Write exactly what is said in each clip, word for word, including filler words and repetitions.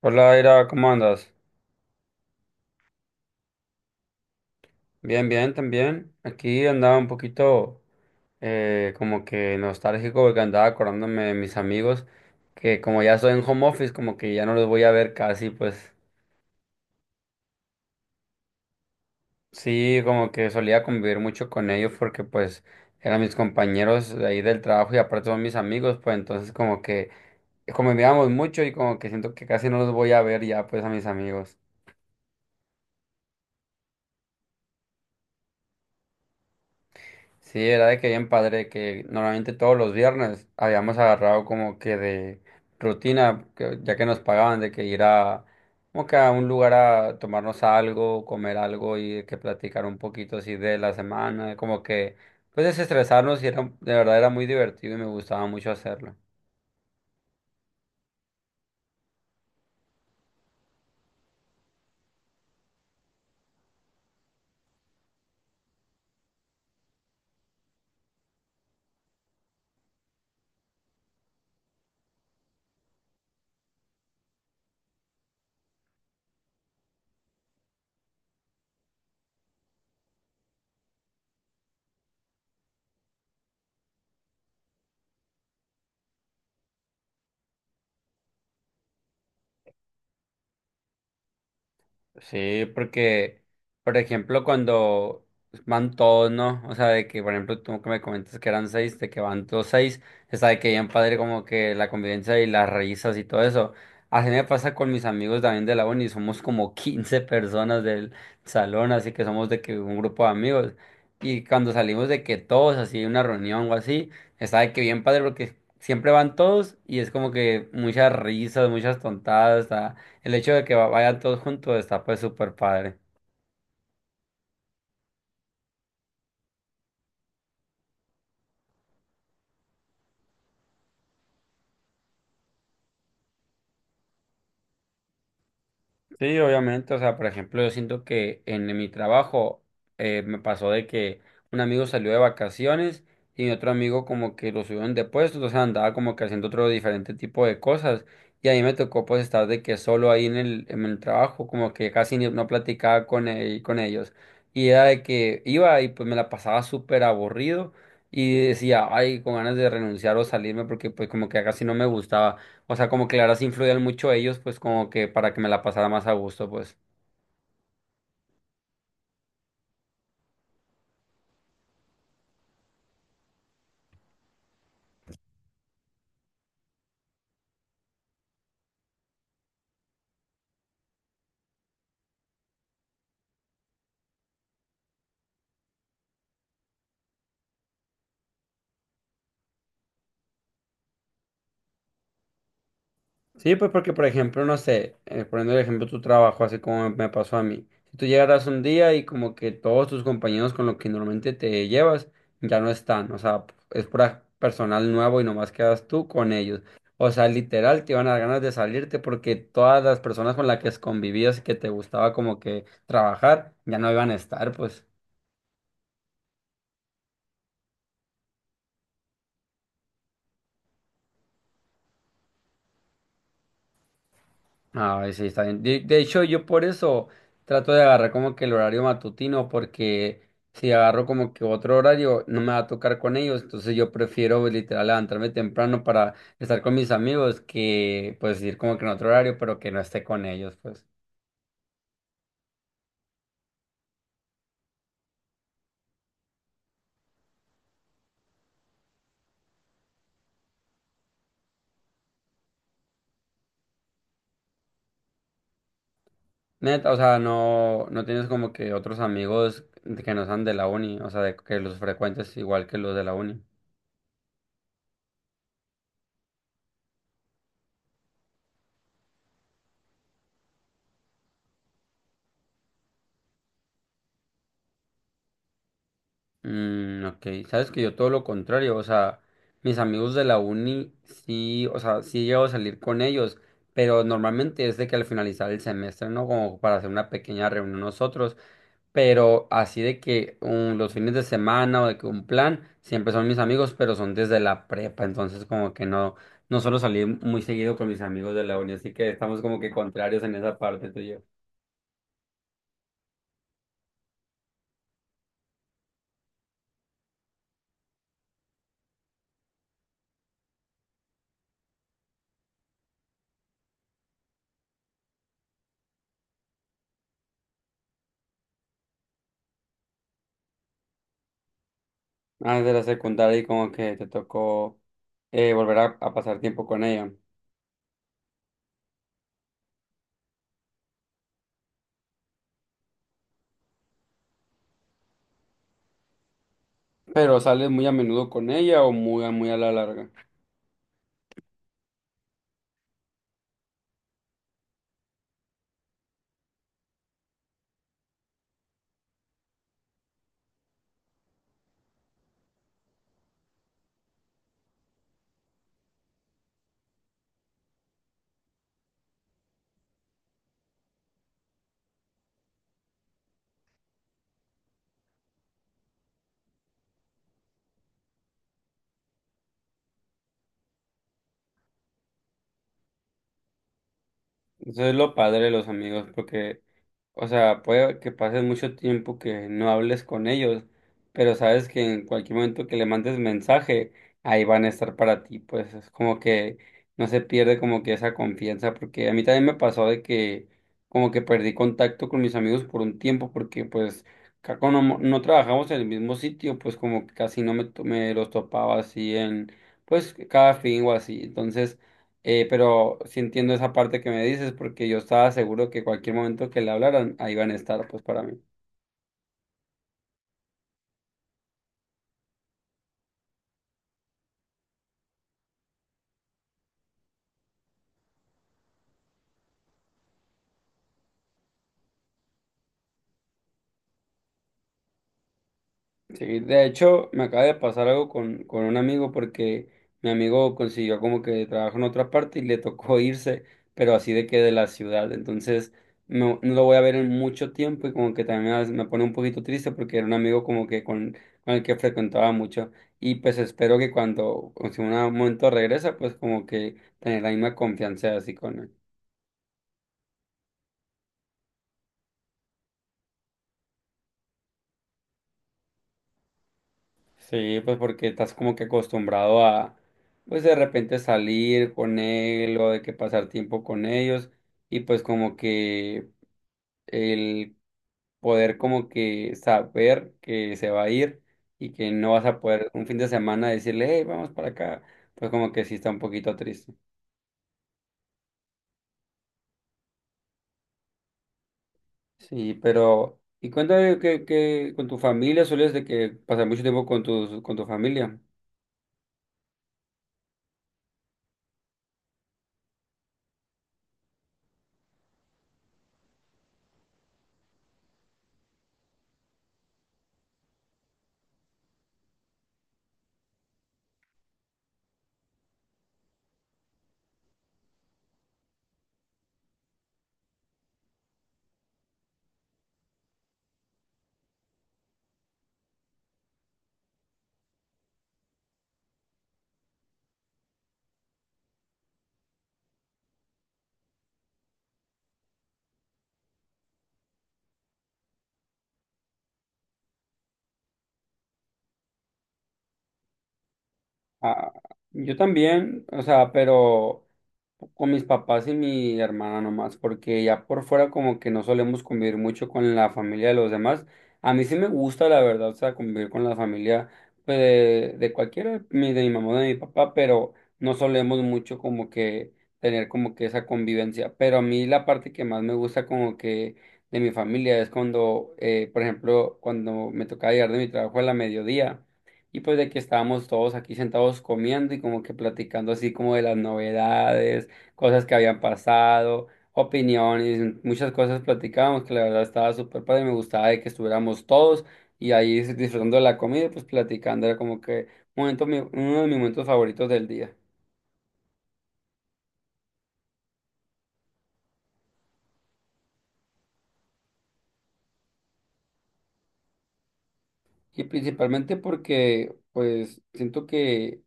Hola, Ira, ¿cómo andas? Bien, bien, también. Aquí andaba un poquito eh, como que nostálgico porque andaba acordándome de mis amigos que como ya estoy en home office, como que ya no los voy a ver casi, pues sí, como que solía convivir mucho con ellos porque pues eran mis compañeros de ahí del trabajo y aparte son mis amigos, pues entonces como que convivíamos mucho y como que siento que casi no los voy a ver ya pues a mis amigos. Sí, era de que bien padre, que normalmente todos los viernes habíamos agarrado como que de rutina, que- ya que nos pagaban de que ir a como que a un lugar a tomarnos algo, comer algo y de que platicar un poquito así de la semana, como que pues desestresarnos y era, de verdad era muy divertido y me gustaba mucho hacerlo. Sí, porque, por ejemplo, cuando van todos, ¿no? O sea, de que, por ejemplo, tú que me comentas que eran seis, de que van todos seis, está de que bien padre como que la convivencia y las risas y todo eso. Así me pasa con mis amigos también de la uni, somos como quince personas del salón, así que somos de que un grupo de amigos. Y cuando salimos de que todos, así, una reunión o así, está de que bien padre porque siempre van todos y es como que muchas risas, muchas tontadas, el hecho de que va- vayan todos juntos está pues súper padre. Sí, obviamente, o sea, por ejemplo, yo siento que en mi trabajo eh, me pasó de que un amigo salió de vacaciones y otro amigo como que lo subieron de puesto, o sea, andaba como que haciendo otro diferente tipo de cosas y a mí me tocó pues estar de que solo ahí en el, en el trabajo, como que casi ni- no platicaba con, el- con ellos y era de que iba y pues me la pasaba súper aburrido y decía, ay, con ganas de renunciar o salirme porque pues como que casi no me gustaba. O sea, como que la verdad sí influían mucho ellos, pues como que para que me la pasara más a gusto, pues. Sí, pues porque, por ejemplo, no sé, eh, poniendo el ejemplo tu trabajo, así como me pasó a mí. Si tú llegaras un día y como que todos tus compañeros con los que normalmente te llevas ya no están, o sea, es pura personal nuevo y nomás quedas tú con ellos. O sea, literal, te iban a dar ganas de salirte porque todas las personas con las que convivías y que te gustaba como que trabajar ya no iban a estar, pues. Ah, sí, está bien. De, de hecho, yo por eso trato de agarrar como que el horario matutino, porque si agarro como que otro horario, no me va a tocar con ellos. Entonces yo prefiero pues, literal levantarme temprano para estar con mis amigos que pues ir como que en otro horario, pero que no esté con ellos, pues. Neta, o sea, no, no tienes como que otros amigos que no sean de la uni, o sea, de, que los frecuentes igual que los de la uni. Mm, ok, sabes que yo todo lo contrario, o sea, mis amigos de la uni, sí, o sea, sí llego a salir con ellos, pero normalmente es de que al finalizar el semestre, ¿no? Como para hacer una pequeña reunión nosotros, pero así de que um, los fines de semana o de que un plan, siempre son mis amigos, pero son desde la prepa, entonces como que no, no suelo salir muy seguido con mis amigos de la uni, así que estamos como que contrarios en esa parte tú y yo. Ah, de la secundaria y como que te tocó eh, volver a a pasar tiempo con ella. Pero sales muy a menudo con ella o muy, a- muy a la larga. Eso es lo padre de los amigos, porque o sea, puede que pases mucho tiempo que no hables con ellos, pero sabes que en cualquier momento que le mandes mensaje, ahí van a estar para ti. Pues es como que no se pierde como que esa confianza, porque a mí también me pasó de que como que perdí contacto con mis amigos por un tiempo, porque pues ca- como no, no trabajamos en el mismo sitio, pues como que casi no me, to- me los topaba así en, pues cada fin o así. Entonces… Eh, pero sí entiendo esa parte que me dices, porque yo estaba seguro que cualquier momento que le hablaran, ahí van a estar, pues para mí. Sí, de hecho, me acaba de pasar algo con, con un amigo, porque mi amigo consiguió como que trabajo en otra parte y le tocó irse, pero así de que de la ciudad. Entonces, no, no lo voy a ver en mucho tiempo y como que también a veces me pone un poquito triste porque era un amigo como que con, con el que frecuentaba mucho. Y pues espero que cuando, si en un momento regresa, pues como que tener la misma confianza así con él. Sí, pues porque estás como que acostumbrado a, pues de repente salir con él o de que pasar tiempo con ellos y pues como que el poder como que saber que se va a ir y que no vas a poder un fin de semana decirle, hey, vamos para acá, pues como que sí está un poquito triste. Sí, pero, y cuéntame que, que con tu familia sueles de que pasar mucho tiempo con tus, con tu familia. Ah, yo también, o sea, pero con mis papás y mi hermana nomás, porque ya por fuera como que no solemos convivir mucho con la familia de los demás. A mí sí me gusta, la verdad, o sea, convivir con la familia pues, de, de cualquiera, mi- de mi mamá, de mi papá, pero no solemos mucho como que tener como que esa convivencia. Pero a mí la parte que más me gusta como que de mi familia es cuando, eh, por ejemplo, cuando me tocaba llegar de mi trabajo a la mediodía. Y pues de que estábamos todos aquí sentados comiendo y como que platicando así como de las novedades, cosas que habían pasado, opiniones, muchas cosas platicábamos que la verdad estaba súper padre, me gustaba de que estuviéramos todos y ahí disfrutando de la comida y pues platicando, era como que momento, mi- uno de mis momentos favoritos del día. Y principalmente porque, pues, siento que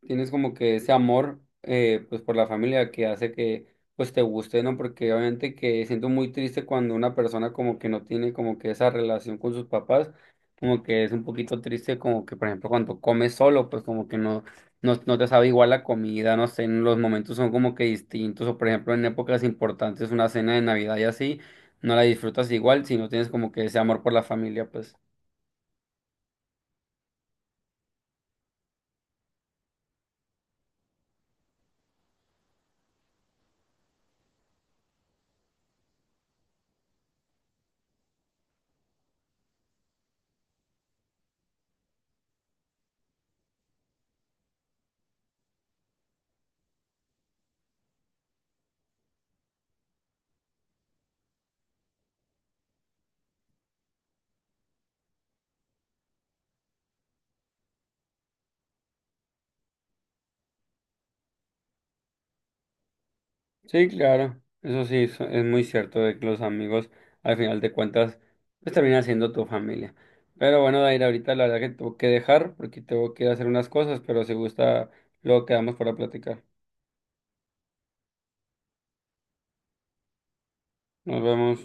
tienes como que ese amor, eh, pues, por la familia que hace que, pues, te guste, ¿no? Porque obviamente que siento muy triste cuando una persona como que no tiene como que esa relación con sus papás, como que es un poquito triste como que, por ejemplo, cuando comes solo, pues, como que no, no, no te sabe igual la comida, no sé, los momentos son como que distintos, o por ejemplo, en épocas importantes, una cena de Navidad y así, no la disfrutas igual si no tienes como que ese amor por la familia, pues. Sí, claro, eso sí, so- es muy cierto de que los amigos, al final de cuentas, pues terminan siendo tu familia. Pero bueno, Daira, ahorita la verdad que tengo que dejar porque tengo que ir a hacer unas cosas, pero si gusta, luego quedamos para platicar. Nos vemos.